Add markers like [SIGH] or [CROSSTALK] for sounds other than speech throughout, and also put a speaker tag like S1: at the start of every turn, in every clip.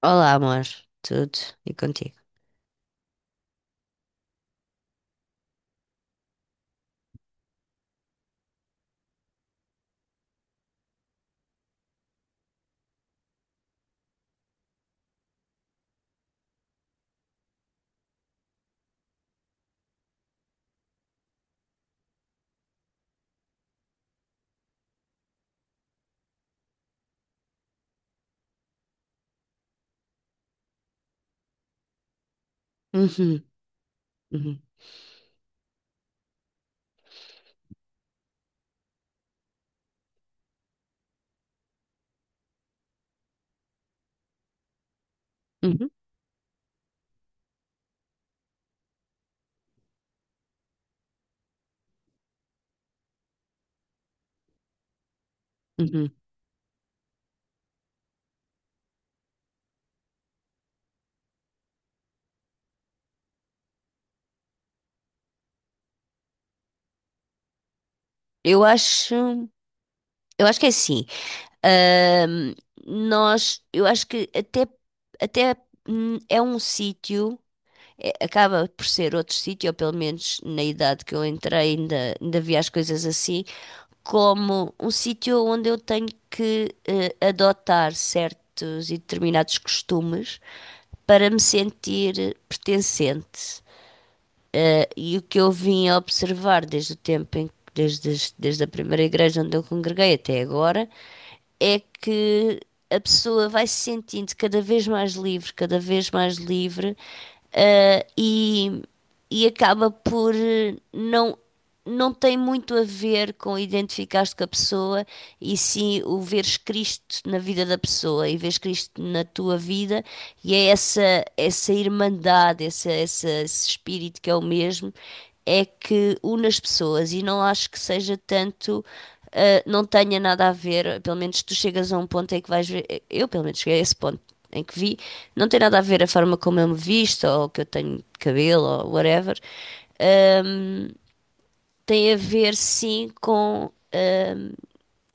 S1: Olá, amor. Tudo e contigo? Uhum, uhum, uhum, uhum. Eu acho, eu acho que é assim. Ahm, eu acho que até é um sítio, acaba por ser outro sítio, ou pelo menos na idade que eu entrei, ainda vi as coisas assim, como um sítio onde eu tenho que adotar certos e determinados costumes para me sentir pertencente. E o que eu vim a observar desde o tempo em, desde, desde a primeira igreja onde eu congreguei até agora é que a pessoa vai se sentindo cada vez mais livre, cada vez mais livre, eh, e, e acaba por não. Não tem muito a ver com identificar-te com a pessoa e sim o veres Cristo na vida da pessoa e veres Cristo na tua vida, e é essa irmandade, esse espírito que é o mesmo é que une as pessoas e não acho que seja tanto, ah, não tenha nada a ver, pelo menos tu chegas a um ponto em que vais ver, eu pelo menos cheguei a esse ponto em que vi, não tem nada a ver a forma como eu me visto ou que eu tenho cabelo ou whatever. Ahm, tem a ver sim com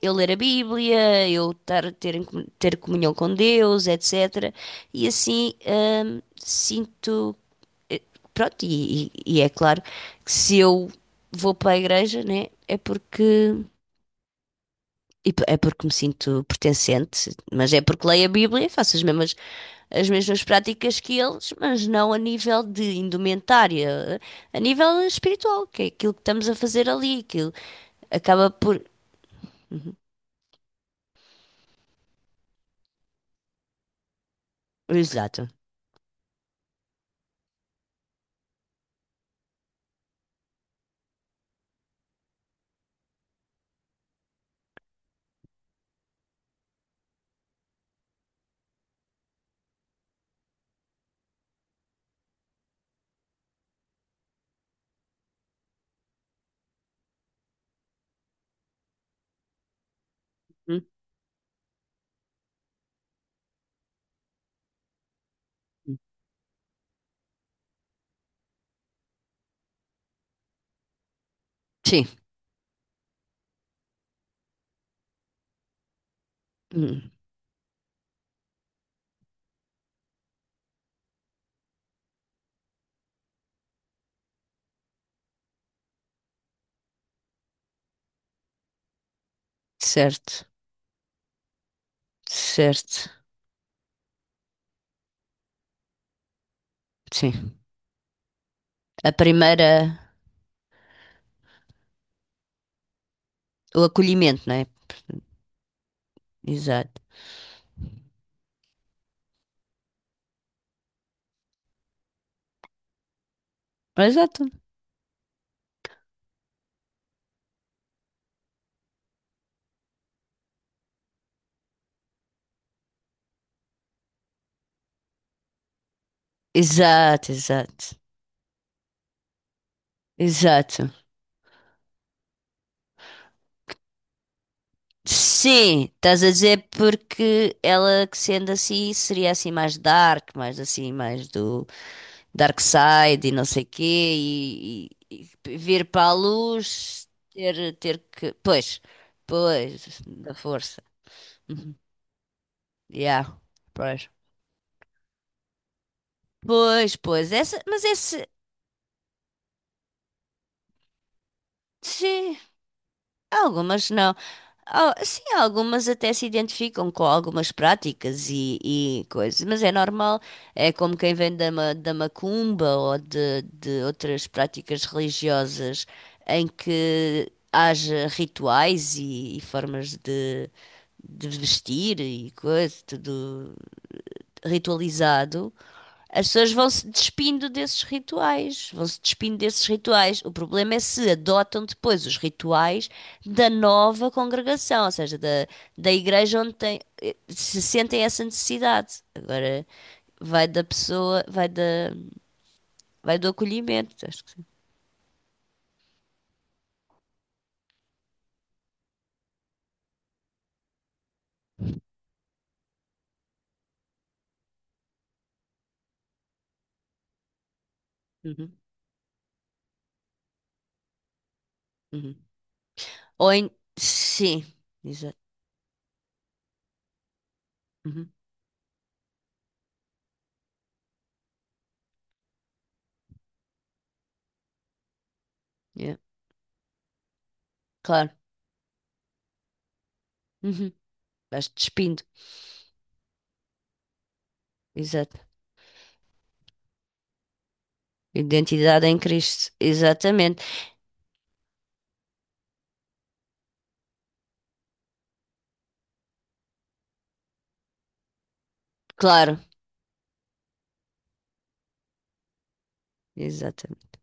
S1: eu ler a Bíblia, eu estar, a ter, ter comunhão com Deus, etc. E assim, sinto. eh, Pronto, e é claro que se eu vou para a igreja, né, é porque. É porque me sinto pertencente, mas é porque leio a Bíblia e faço as mesmas práticas que eles, mas não a nível de indumentária, a nível espiritual, que é aquilo que estamos a fazer ali, aquilo acaba por. Uhum. Exato. Uhum. Sim. Hum, certo, certo, sim. A primeira, o acolhimento, não é? Exato. Exato. Exato, exato, exato. Sim, estás a dizer porque ela que sendo assim seria assim mais dark, mais assim, mais do dark side e não sei quê, e, e vir para a luz, ter que. Pois, pois, da força. Uhum. Yeah, pois. Pois, pois, essa, mas esse, sim, algumas não. Sim, algumas até se identificam com algumas práticas e coisas, mas é normal. É como quem vem da macumba ou de outras práticas religiosas em que haja rituais e formas de vestir e coisa, tudo ritualizado, as pessoas vão-se despindo desses rituais, vão-se despindo desses rituais. O problema é se adotam depois os rituais da nova congregação, ou seja, da igreja onde tem, se sentem essa necessidade. Agora vai da pessoa, vai da, vai do acolhimento, acho que sim. Uhum, uhum. Ou em, sim, exato. Uhum, yeah, claro. Uhum. Vais despindo, exato. Identidade em Cristo, exatamente. Claro. Exatamente.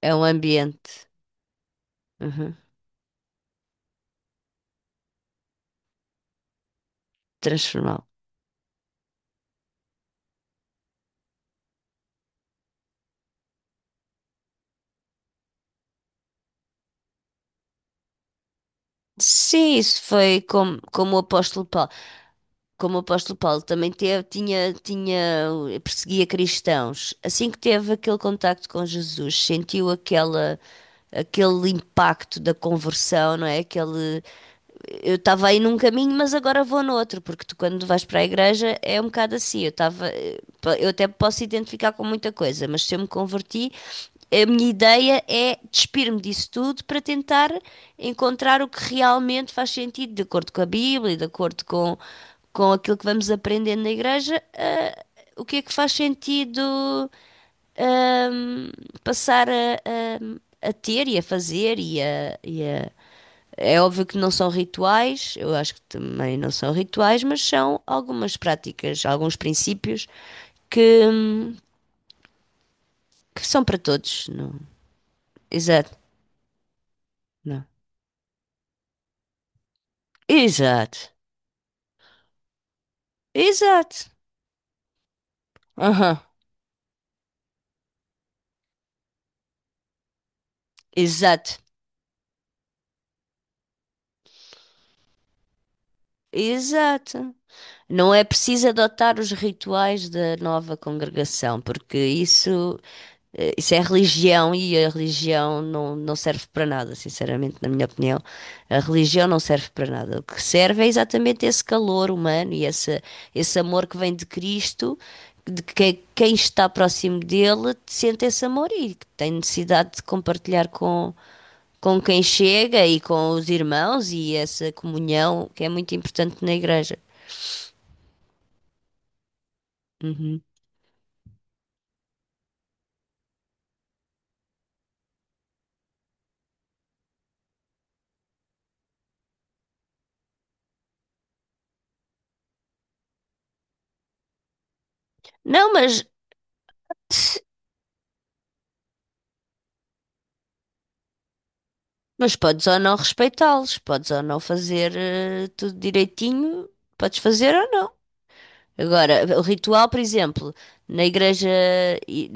S1: É um ambiente, uhum, transformá. Sim, isso foi como o apóstolo Paulo. Como o apóstolo Paulo também teve, tinha, perseguia cristãos. Assim que teve aquele contacto com Jesus, sentiu aquela, aquele impacto da conversão, não é? Aquele, eu estava aí num caminho, mas agora vou no outro, porque tu, quando vais para a igreja, é um bocado assim. Eu estava, eu até posso identificar com muita coisa, mas se eu me converti, a minha ideia é despir-me disso tudo para tentar encontrar o que realmente faz sentido, de acordo com a Bíblia, e de acordo com aquilo que vamos aprendendo na igreja, o que é que faz sentido, ahm, passar a ter e a fazer É óbvio que não são rituais, eu acho que também não são rituais, mas são algumas práticas, alguns princípios que, hum, que são para todos. Não. Exato, não. Exato, exato, aham, exato, exato. Não é preciso adotar os rituais da nova congregação, porque isso isso é religião e a religião não, não serve para nada, sinceramente, na minha opinião. A religião não serve para nada. O que serve é exatamente esse calor humano e esse amor que vem de Cristo, de que quem está próximo dele sente esse amor e que tem necessidade de compartilhar com quem chega e com os irmãos e essa comunhão que é muito importante na igreja. Uhum. Não, mas. Mas podes ou não respeitá-los, podes ou não fazer tudo direitinho, podes fazer ou não. Agora, o ritual, por exemplo, na igreja,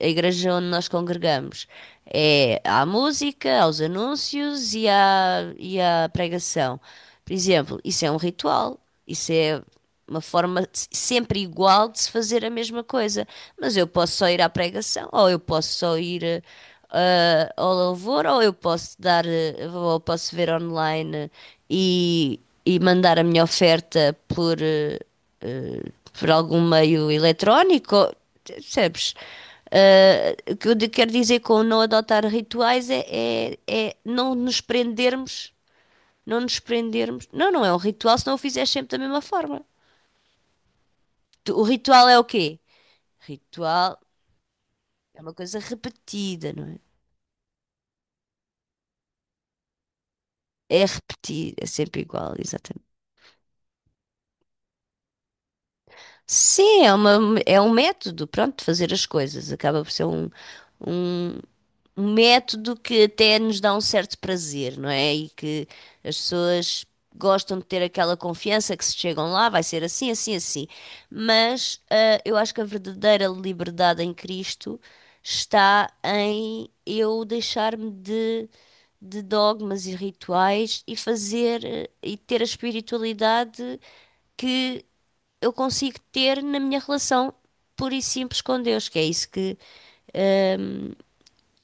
S1: a igreja onde nós congregamos, é à música, aos anúncios e à pregação. Por exemplo, isso é um ritual, isso é uma forma sempre igual de se fazer a mesma coisa. Mas eu posso só ir à pregação, ou eu posso só ir ao louvor, ou eu posso dar, ou posso ver online e, e mandar a minha oferta por. Eh, por algum meio eletrónico, ou- percebes? Ah, o que eu quero dizer com não adotar rituais é, é, é não nos prendermos, não nos prendermos. Não, não é um ritual se não o fizeres sempre da mesma forma. O ritual é o quê? Ritual é uma coisa repetida, não é? É repetido, é sempre igual, exatamente. Sim, é uma, é um método, pronto, de fazer as coisas. Acaba por ser um, um método que até nos dá um certo prazer, não é? E que as pessoas gostam de ter aquela confiança que se chegam lá, vai ser assim, assim, assim. Mas ah, eu acho que a verdadeira liberdade em Cristo está em eu deixar-me de dogmas e rituais e fazer e ter a espiritualidade que eu consigo ter na minha relação pura e simples com Deus, que é isso que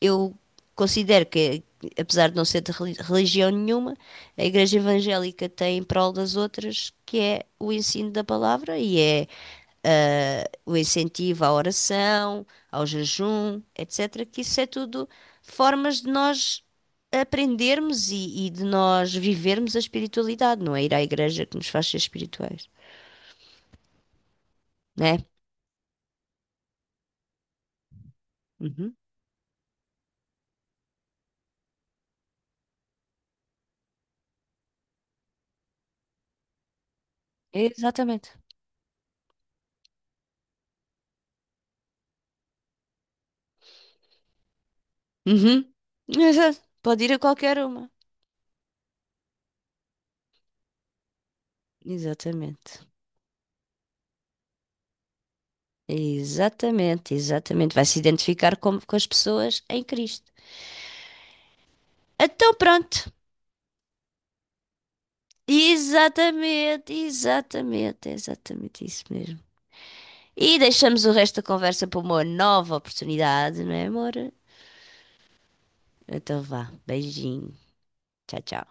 S1: eu considero que, apesar de não ser de religião nenhuma, a Igreja Evangélica tem em prol das outras, que é o ensino da palavra e é o incentivo à oração, ao jejum, etc. Que isso é tudo formas de nós aprendermos e de nós vivermos a espiritualidade, não é ir à igreja que nos faz ser espirituais, né? Uhum. Exatamente. Uhum. [LAUGHS] Exato. Pode ir a qualquer uma. Exatamente. Exatamente, exatamente. Vai se identificar com as pessoas em Cristo. Então pronto. Exatamente, exatamente, é exatamente isso mesmo. E deixamos o resto da conversa para uma nova oportunidade, não é, amor? Então vá. Beijinho. Tchau, tchau.